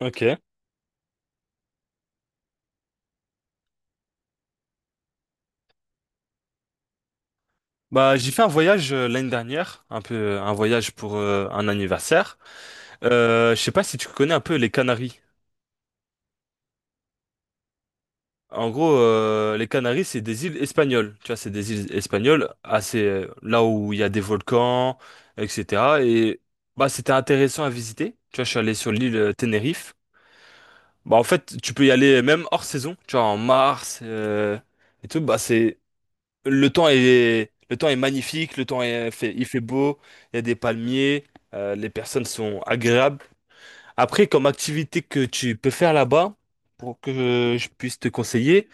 Ok. Bah, j'ai fait un voyage l'année dernière, un peu un voyage pour un anniversaire. Je sais pas si tu connais un peu les Canaries. En gros, les Canaries, c'est des îles espagnoles. Tu vois, c'est des îles espagnoles, assez là où il y a des volcans, etc. Et bah, c'était intéressant à visiter. Tu vois, je suis allé sur l'île Tenerife. Bah, en fait, tu peux y aller même hors saison. Tu vois, en mars et tout. Bah, c'est le temps est magnifique, le temps est fait, il fait beau, il y a des palmiers, les personnes sont agréables. Après, comme activité que tu peux faire là-bas, pour que je puisse te conseiller,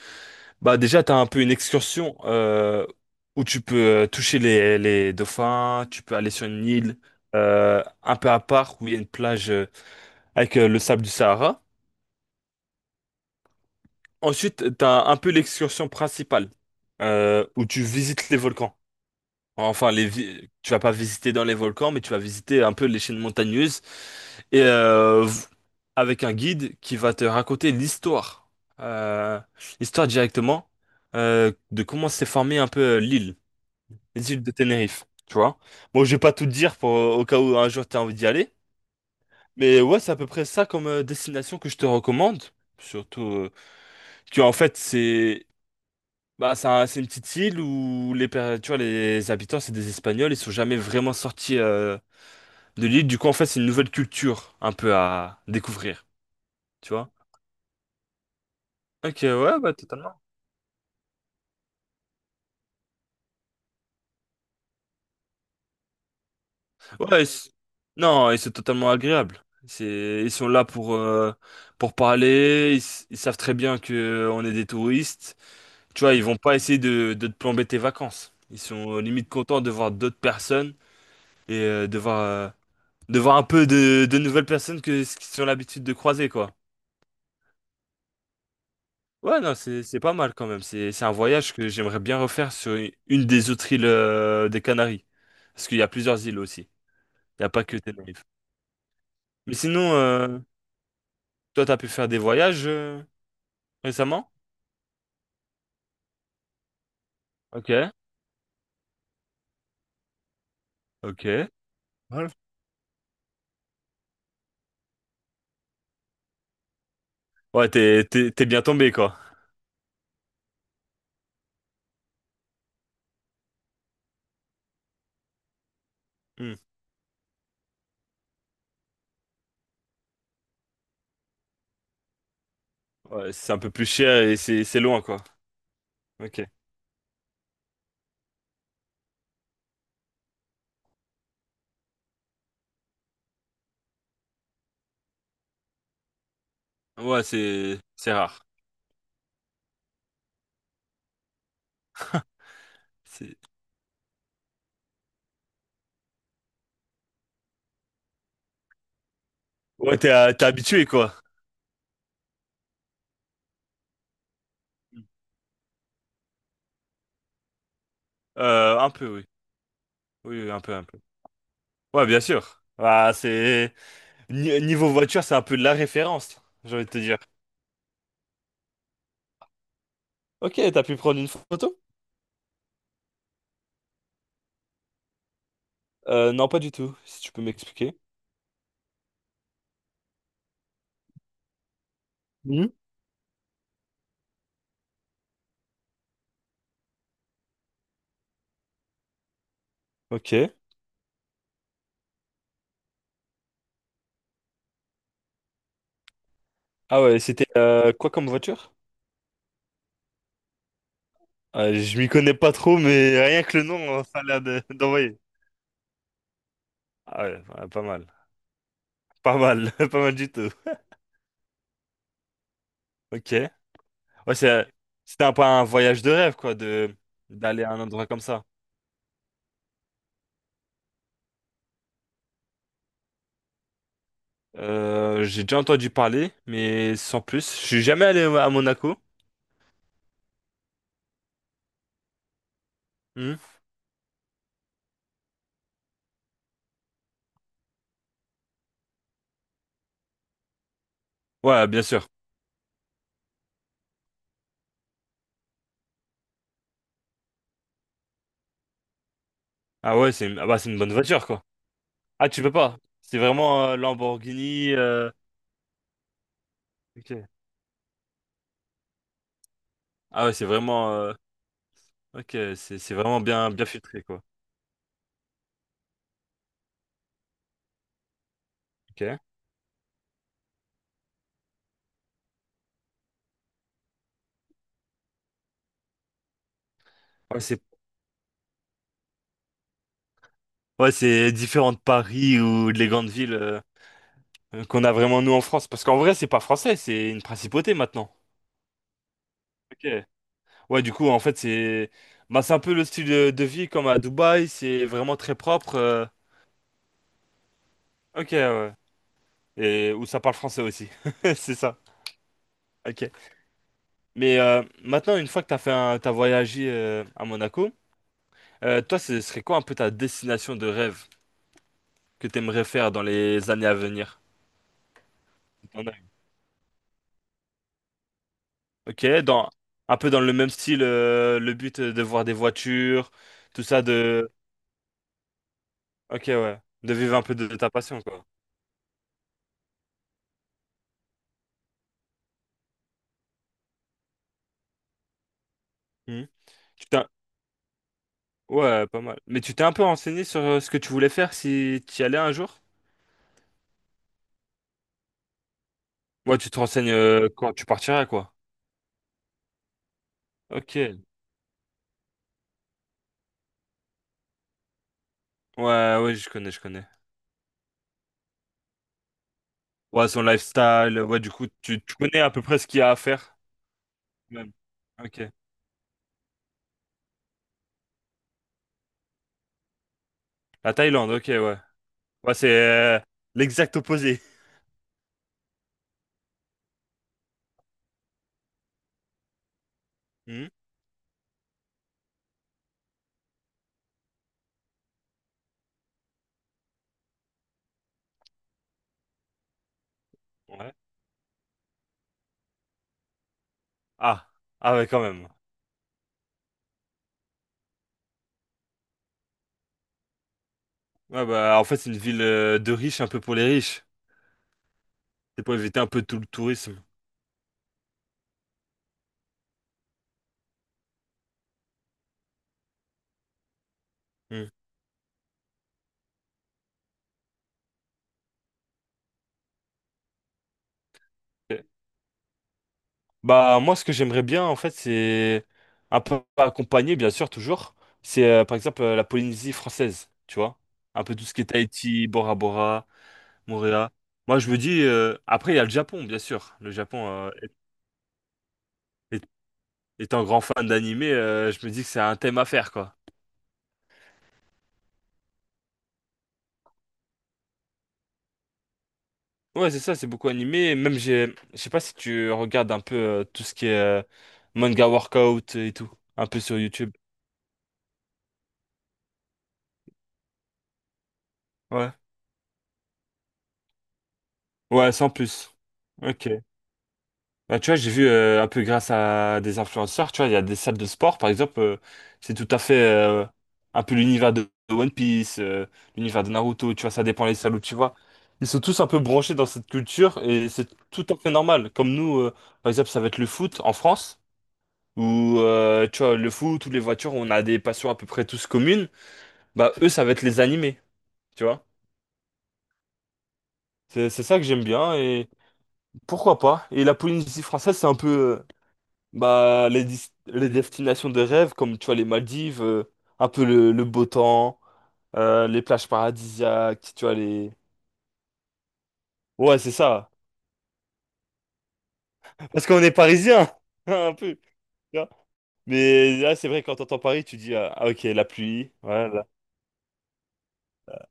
bah déjà, tu as un peu une excursion où tu peux toucher les dauphins, tu peux aller sur une île un peu à part où il y a une plage avec le sable du Sahara. Ensuite, tu as un peu l'excursion principale où tu visites les volcans. Enfin, tu vas pas visiter dans les volcans, mais tu vas visiter un peu les chaînes montagneuses et avec un guide qui va te raconter euh, l'histoire directement de comment s'est formée un peu l'île, les îles de Tenerife. Tu vois? Bon, je vais pas tout te dire pour au cas où un jour tu as envie d'y aller, mais ouais, c'est à peu près ça comme destination que je te recommande. Surtout que en fait c'est bah, c'est un- c'est une petite île où tu vois, les habitants, c'est des Espagnols, ils sont jamais vraiment sortis de l'île. Du coup, en fait, c'est une nouvelle culture un peu à découvrir, tu vois? Ok, ouais, bah totalement. Ouais, non, et c'est totalement agréable. Ils sont là pour parler. Ils savent très bien que on est des touristes. Tu vois, ils vont pas essayer de te plomber tes vacances. Ils sont limite contents de voir d'autres personnes et de voir un peu de nouvelles personnes que ce qu'ils ont l'habitude de croiser, quoi. Ouais, non, c'est pas mal quand même. C'est un voyage que j'aimerais bien refaire sur une des autres îles des Canaries. Parce qu'il y a plusieurs îles aussi. Il n'y a pas que Tenerife. Mais sinon, toi, t'as pu faire des voyages récemment? Ok. Ok. Voilà. Ouais, t'es bien tombé, quoi. Hmm. Ouais, c'est un peu plus cher et c'est loin, quoi. Ok. Ouais, c'est rare. C'est- Ouais, t'es habitué, quoi. Un peu, oui. Oui, oui, un peu, un peu. Ouais, bien sûr. Bah, c'est Ni- Niveau voiture, c'est un peu de la référence, j'ai envie de te dire. Ok, t'as pu prendre une photo? Non, pas du tout, si tu peux m'expliquer. Mhm. Ok. Ah ouais, c'était quoi comme voiture? Je m'y connais pas trop, mais rien que le nom, ça a l'air d'envoyer. Ah ouais, ouais, pas mal. Pas mal, pas mal du tout. Ok. Ouais, c'était un peu un voyage de rêve, quoi, de d'aller à un endroit comme ça. J'ai déjà entendu parler, mais sans plus. Je suis jamais allé à Monaco. Hmm. Ouais, bien sûr. Ah ouais, ah bah, c'est une bonne voiture, quoi. Ah, tu peux pas. C'est vraiment Lamborghini. Ok. Ah ouais, c'est vraiment. Ok, c'est vraiment bien bien filtré quoi. Ok. Ouais, c'est, ouais, c'est différent de Paris ou de les grandes villes qu'on a vraiment nous en France. Parce qu'en vrai, c'est pas français, c'est une principauté maintenant. Ok. Ouais, du coup, en fait, c'est bah, c'est un peu le style de vie comme à Dubaï. C'est vraiment très propre. Ok, ouais. Et où ça parle français aussi. C'est ça. Ok. Mais maintenant, une fois que t'as voyagé à Monaco. Toi, ce serait quoi un peu ta destination de rêve que t'aimerais faire dans les années à venir? T'en as une. Ok, dans un peu dans le même style, le but de voir des voitures, tout ça de. Ok, ouais, de vivre un peu de ta passion, quoi. Hmm. Tu t'es- Ouais, pas mal. Mais tu t'es un peu renseigné sur ce que tu voulais faire si tu y allais un jour? Ouais, tu te renseignes quand tu partiras, quoi. Ok. Ouais, ouais, je connais, je connais. Ouais, son lifestyle, ouais, du coup, tu connais à peu près ce qu'il y a à faire. Même. Ok. La Thaïlande, ok, ouais. Ouais, c'est l'exact opposé. Hmm, ouais. Ah, ah ouais, quand même. Ouais, bah, en fait, c'est une ville de riches, un peu pour les riches. C'est pour éviter un peu tout le tourisme. Hmm. Ok. Bah, moi, ce que j'aimerais bien, en fait, c'est un peu accompagné, bien sûr, toujours. C'est, par exemple, la Polynésie française, tu vois. Un peu tout ce qui est Tahiti, Bora Bora, Moorea. Moi, je me dis, après, il y a le Japon, bien sûr. Le Japon, est- étant grand fan d'animé, je me dis que c'est un thème à faire, quoi. Ouais, c'est ça, c'est beaucoup animé. Même, je sais pas si tu regardes un peu tout ce qui est manga workout et tout, un peu sur YouTube. Ouais. Ouais, sans plus. Ok. Bah, tu vois, j'ai vu un peu grâce à des influenceurs, tu vois, il y a des salles de sport, par exemple, c'est tout à fait un peu l'univers de One Piece, l'univers de Naruto, tu vois, ça dépend les salles où tu vas. Ils sont tous un peu branchés dans cette culture et c'est tout à fait normal. Comme nous, par exemple, ça va être le foot en France. Ou tu vois, le foot, ou les voitures, on a des passions à peu près tous communes, bah eux, ça va être les animés, tu vois. C'est ça que j'aime bien, et pourquoi pas. Et la Polynésie française, c'est un peu euh, bah, les destinations de rêve, comme tu vois, les Maldives, un peu le beau temps, les plages paradisiaques, tu vois, les. Ouais, c'est ça. Parce qu'on est parisiens, un peu. Tu vois. Mais là, c'est vrai, quand t'entends Paris, tu dis, ah, ah, ok, la pluie, voilà.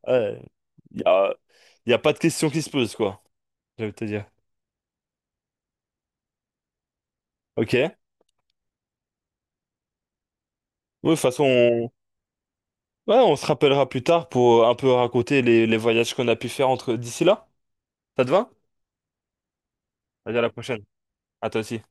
Ouais. Il y a, il y a pas de question qui se pose, quoi. J'allais te dire. Ok. Oui, de toute façon, ouais, on se rappellera plus tard pour un peu raconter les voyages qu'on a pu faire entre d'ici là. Ça te va? Vas-y, à la prochaine. À toi aussi.